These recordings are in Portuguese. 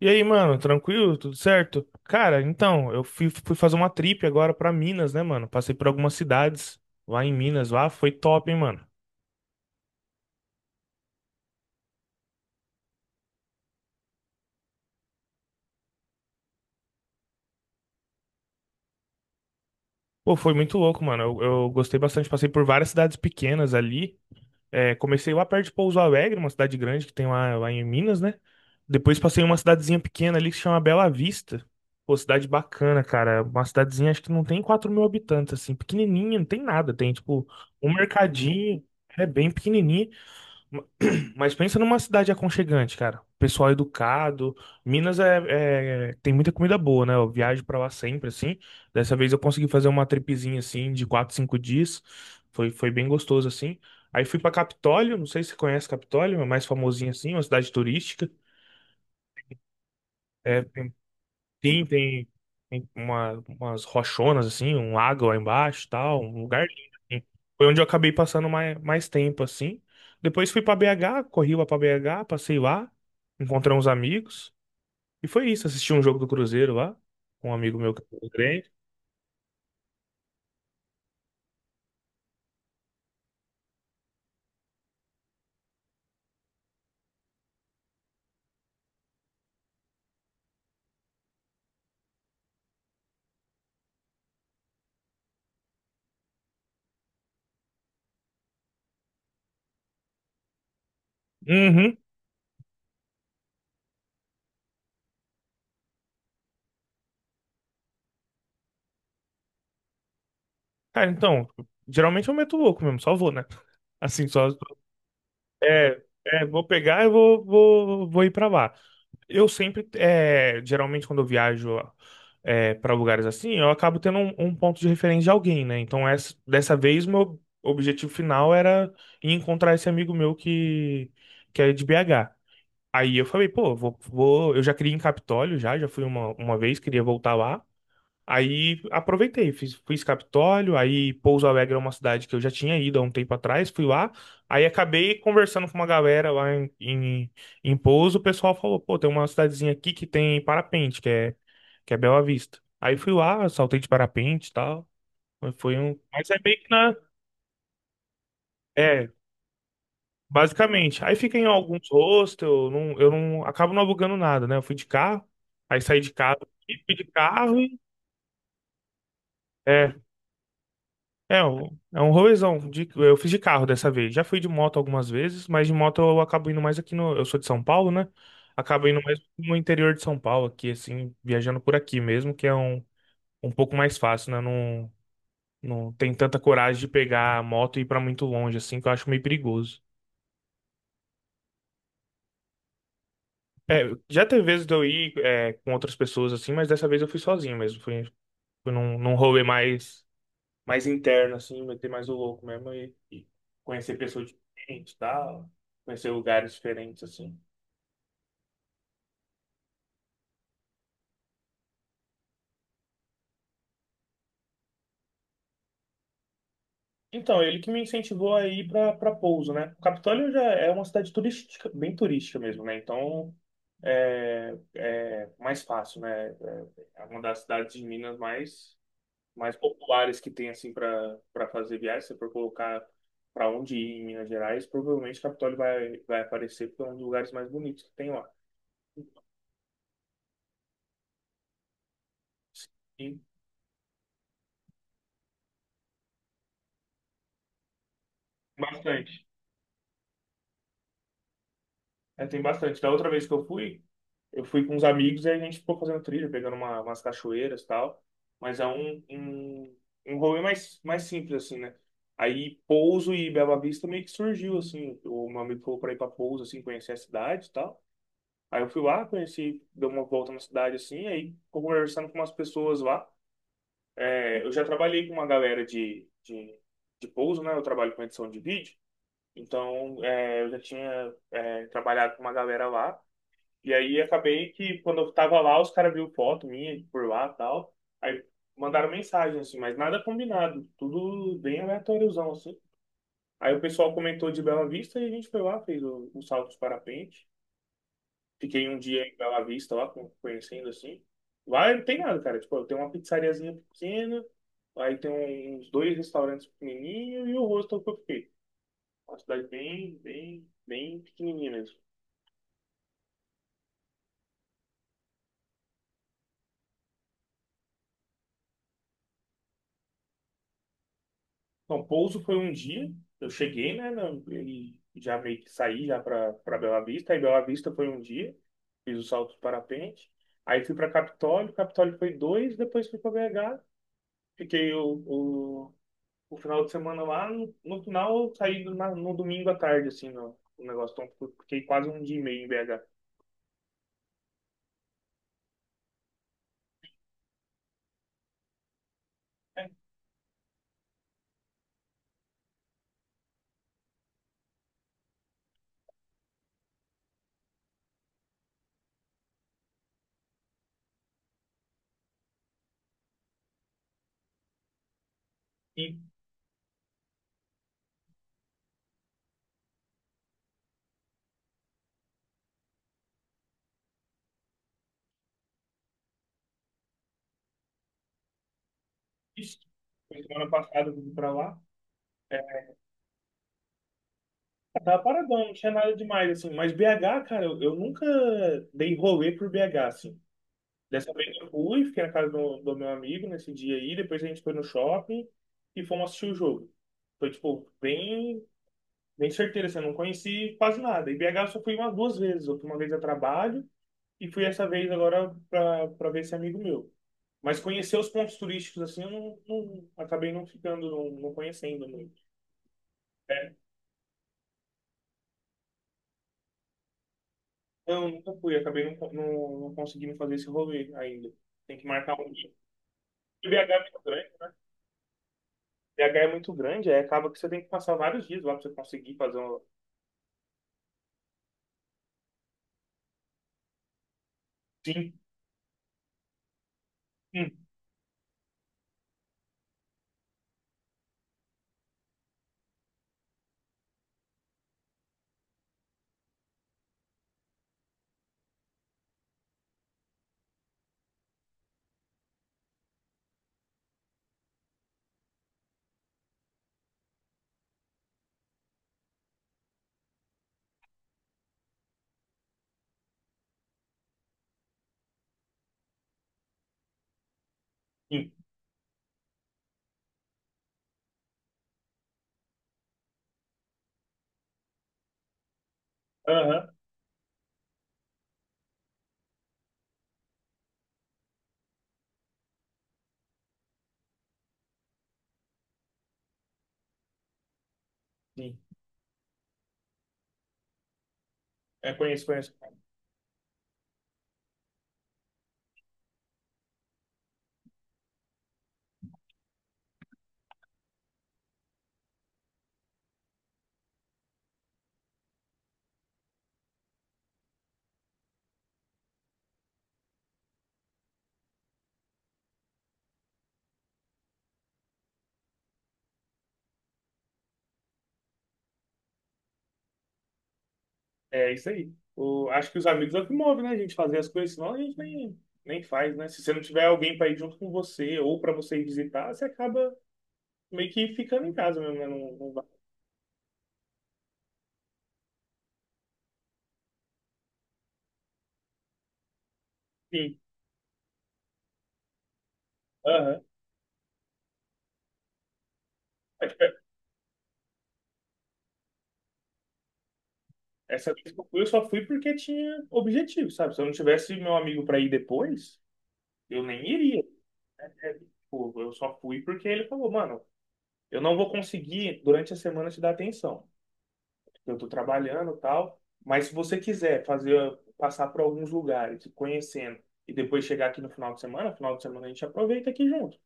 E aí, mano, tranquilo? Tudo certo? Cara, então, eu fui fazer uma trip agora pra Minas, né, mano? Passei por algumas cidades lá em Minas, lá foi top, hein, mano? Pô, foi muito louco, mano. Eu gostei bastante. Passei por várias cidades pequenas ali. É, comecei lá perto de Pouso Alegre, uma cidade grande que tem lá, em Minas, né? Depois passei em uma cidadezinha pequena ali que se chama Bela Vista. Pô, cidade bacana, cara. Uma cidadezinha, acho que não tem 4.000 habitantes, assim. Pequenininha, não tem nada. Tem, tipo, um mercadinho. É bem pequenininho. Mas pensa numa cidade aconchegante, cara. Pessoal educado. Minas tem muita comida boa, né? Eu viajo pra lá sempre, assim. Dessa vez eu consegui fazer uma tripezinha, assim, de quatro, cinco dias. Foi bem gostoso, assim. Aí fui pra Capitólio, não sei se você conhece Capitólio, é mais famosinha, assim, uma cidade turística. É, tem sim, umas rochonas, assim, um lago lá embaixo e tal, um lugar lindo, assim. Foi onde eu acabei passando mais tempo, assim. Depois fui pra BH, corri lá pra BH, passei lá, encontrei uns amigos. E foi isso, assisti um jogo do Cruzeiro lá, com um amigo meu que é grande. Uhum. Cara, então, geralmente eu meto o louco mesmo, só vou, né? Assim, só. É, vou pegar e vou ir pra lá. Eu sempre, geralmente quando eu viajo, é, para lugares assim, eu acabo tendo um ponto de referência de alguém, né? Então dessa vez meu objetivo final era ir encontrar esse amigo meu que é de BH. Aí eu falei, pô, eu já queria ir em Capitólio, já fui uma vez, queria voltar lá. Aí aproveitei, fiz Capitólio, aí Pouso Alegre é uma cidade que eu já tinha ido há um tempo atrás, fui lá, aí acabei conversando com uma galera lá em Pouso, o pessoal falou, pô, tem uma cidadezinha aqui que tem parapente, que é Bela Vista. Aí fui lá, saltei de parapente e tal, mas foi um. Mas é meio que na. É, basicamente. Aí fiquei em alguns hostels, não, eu não. Acabo não alugando nada, né? Eu fui de carro, aí saí de casa, fui de carro e. É, é. É um rolezão. Eu fiz de carro dessa vez. Já fui de moto algumas vezes, mas de moto eu acabo indo mais aqui no. Eu sou de São Paulo, né? Acabo indo mais no interior de São Paulo, aqui, assim, viajando por aqui mesmo, que é um pouco mais fácil, né? Não, não tem tanta coragem de pegar a moto e ir pra muito longe, assim, que eu acho meio perigoso. É, já teve vezes de eu ir, com outras pessoas, assim, mas dessa vez eu fui sozinho mesmo. Fui num rolê mais interno, assim, meter mais o louco mesmo e conhecer pessoas diferentes, tal, conhecer lugares diferentes, assim. Então, ele que me incentivou a ir para Pouso, né? O Capitólio já é uma cidade turística, bem turística mesmo, né? Então, é mais fácil, né? É uma das cidades de Minas, mais populares que tem, assim, para fazer viagem. Se você for colocar para onde ir em Minas Gerais, provavelmente Capitólio vai aparecer porque é um dos lugares mais bonitos que tem lá. Sim, bastante. É, tem bastante. Da outra vez que eu fui com uns amigos e a gente ficou fazendo trilha, pegando umas cachoeiras e tal. Mas é um rolê mais simples, assim, né? Aí Pouso e Bela Vista meio que surgiu, assim. O meu amigo falou pra ir pra Pouso, assim, conhecer a cidade e tal. Aí eu fui lá, conheci, dei uma volta na cidade, assim. Aí ficou conversando com umas pessoas lá. É, eu já trabalhei com uma galera de Pouso, né? Eu trabalho com edição de vídeo. Então, eu já tinha, trabalhado com uma galera lá. E aí acabei que quando eu tava lá, os caras viram foto minha por lá e tal. Aí mandaram mensagem, assim, mas nada combinado. Tudo bem aleatóriozão, assim. Aí o pessoal comentou de Bela Vista e a gente foi lá, fez o salto de parapente. Fiquei um dia em Bela Vista lá, conhecendo assim. Lá não tem nada, cara. Tipo, tem uma pizzariazinha pequena, aí tem uns dois restaurantes pequenininhos e o hostel que eu fiquei. Uma cidade bem, bem, bem pequenininha mesmo. Então, Pouso foi um dia, eu cheguei, né, e já meio que saí já para Bela Vista, aí Bela Vista foi um dia, fiz o salto de parapente, aí fui para Capitólio, Capitólio foi dois, depois fui para BH, fiquei o final de semana lá, no final eu saí no domingo à tarde, assim, no negócio, então eu fiquei quase um dia e meio em BH. É, e isso, foi semana passada eu fui para lá, tava paradão, não tinha nada demais, assim, mas BH, cara, eu nunca dei rolê por BH, assim. Dessa vez eu fui, fiquei na casa do meu amigo nesse dia aí, depois a gente foi no shopping e fomos assistir o jogo. Foi, tipo, bem, bem certeiro, assim, eu não conheci quase nada. E BH eu só fui umas duas vezes, eu fui uma vez a trabalho e fui essa vez agora pra ver esse amigo meu. Mas conhecer os pontos turísticos, assim, eu acabei não ficando, não conhecendo muito. É, não, nunca fui, acabei não conseguindo fazer esse rolê ainda. Tem que marcar um dia. E BH é muito grande. BH é muito grande, aí acaba que você tem que passar vários dias lá pra você conseguir fazer um. Sim, sim, sim. Aham, sim. É, conheço, conheço. É isso aí. Acho que os amigos é o que move, né? A gente fazer as coisas, senão a gente nem faz, né? Se você não tiver alguém pra ir junto com você ou pra você ir visitar, você acaba meio que ficando em casa mesmo, né? Não, não vai. Sim, aham. É, tipo, essa vez que eu fui, eu só fui porque tinha objetivo, sabe? Se eu não tivesse meu amigo pra ir depois, eu nem iria. Né? Tipo, eu só fui porque ele falou, mano, eu não vou conseguir durante a semana te dar atenção, porque eu estou trabalhando e tal, mas se você quiser fazer passar por alguns lugares, ir conhecendo e depois chegar aqui no final de semana a gente aproveita aqui junto.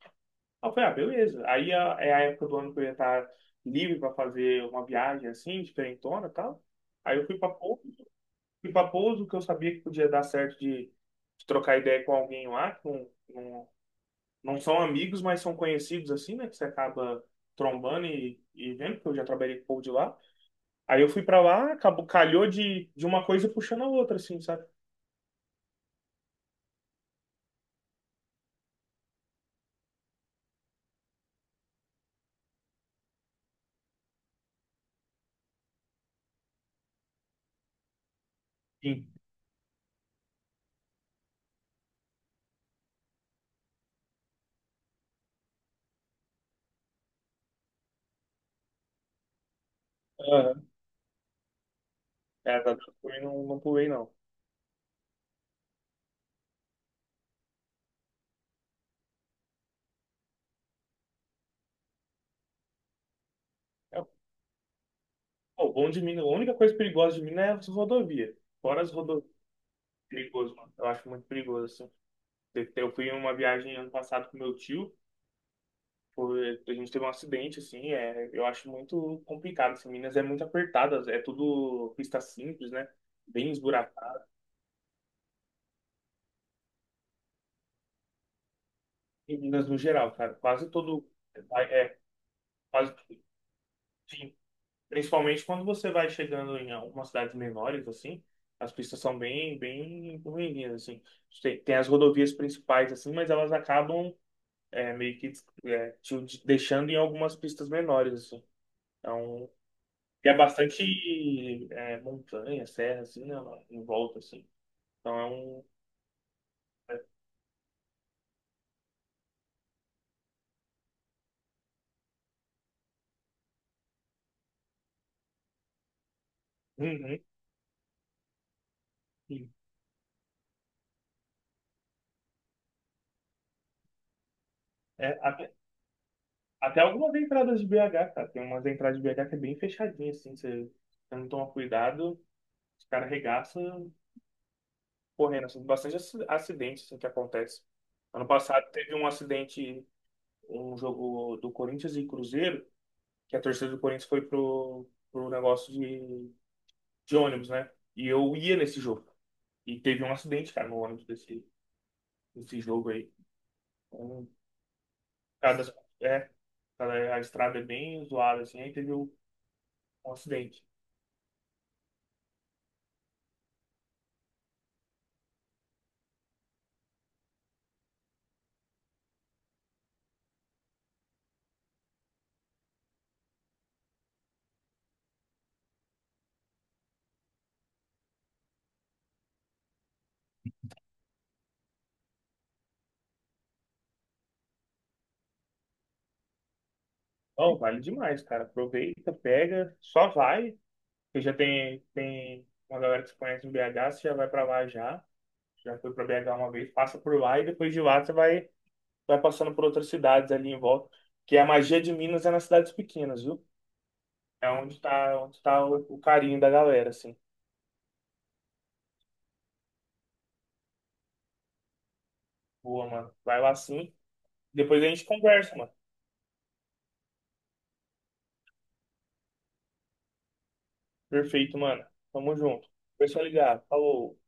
Aí eu falei, ah, beleza. Aí é a época do ano que eu ia estar livre para fazer uma viagem assim, diferentona e tal. Aí eu fui para Pouso, que eu sabia que podia dar certo de trocar ideia com alguém lá, não são amigos, mas são conhecidos assim, né? Que você acaba trombando e vendo, porque eu já trabalhei com o de lá. Aí eu fui pra lá, acabou, calhou de uma coisa puxando a outra, assim, sabe? Sim. Aham. É, tá, também não pulei, não. É, pô, o bom de Minas, a única coisa perigosa de Minas é as rodovias. Fora as rodovias, perigoso, mano. Eu acho muito perigoso, assim. Eu fui em uma viagem ano passado com meu tio, a gente teve um acidente, assim, eu acho muito complicado, assim, Minas é muito apertada, é tudo pista simples, né? Bem esburacada. Meninas no geral, cara. Quase todo. É, quase, tudo. Sim. Principalmente quando você vai chegando em algumas cidades menores, assim, as pistas são bem, bem ruinzinhas, assim. Tem as rodovias principais, assim, mas elas acabam, meio que, te deixando em algumas pistas menores, assim. Então, e é bastante, montanha, serra, assim, né, em volta, assim. Então é um. Uhum. Sim. É, a até algumas entradas de BH, cara. Tem umas entradas de BH que é bem fechadinha, assim. Você não toma cuidado, os caras arregaçam correndo. Assim, bastante acidente assim, que acontece. Ano passado teve um acidente, um jogo do Corinthians e Cruzeiro, que a torcida do Corinthians foi pro negócio de ônibus, né? E eu ia nesse jogo. E teve um acidente, cara, no ônibus desse jogo aí. Então, cada, é, cada, a estrada é bem zoada, assim, aí teve um acidente. Não, vale demais, cara. Aproveita, pega, só vai. Você já tem uma galera que se conhece em BH, você já vai pra lá já. Já foi pra BH uma vez, passa por lá e depois de lá você vai passando por outras cidades ali em volta. Que a magia de Minas é nas cidades pequenas, viu? É onde tá o carinho da galera, assim. Boa, mano. Vai lá sim. Depois a gente conversa, mano. Perfeito, mano. Tamo junto. Pessoal ligado. Falou.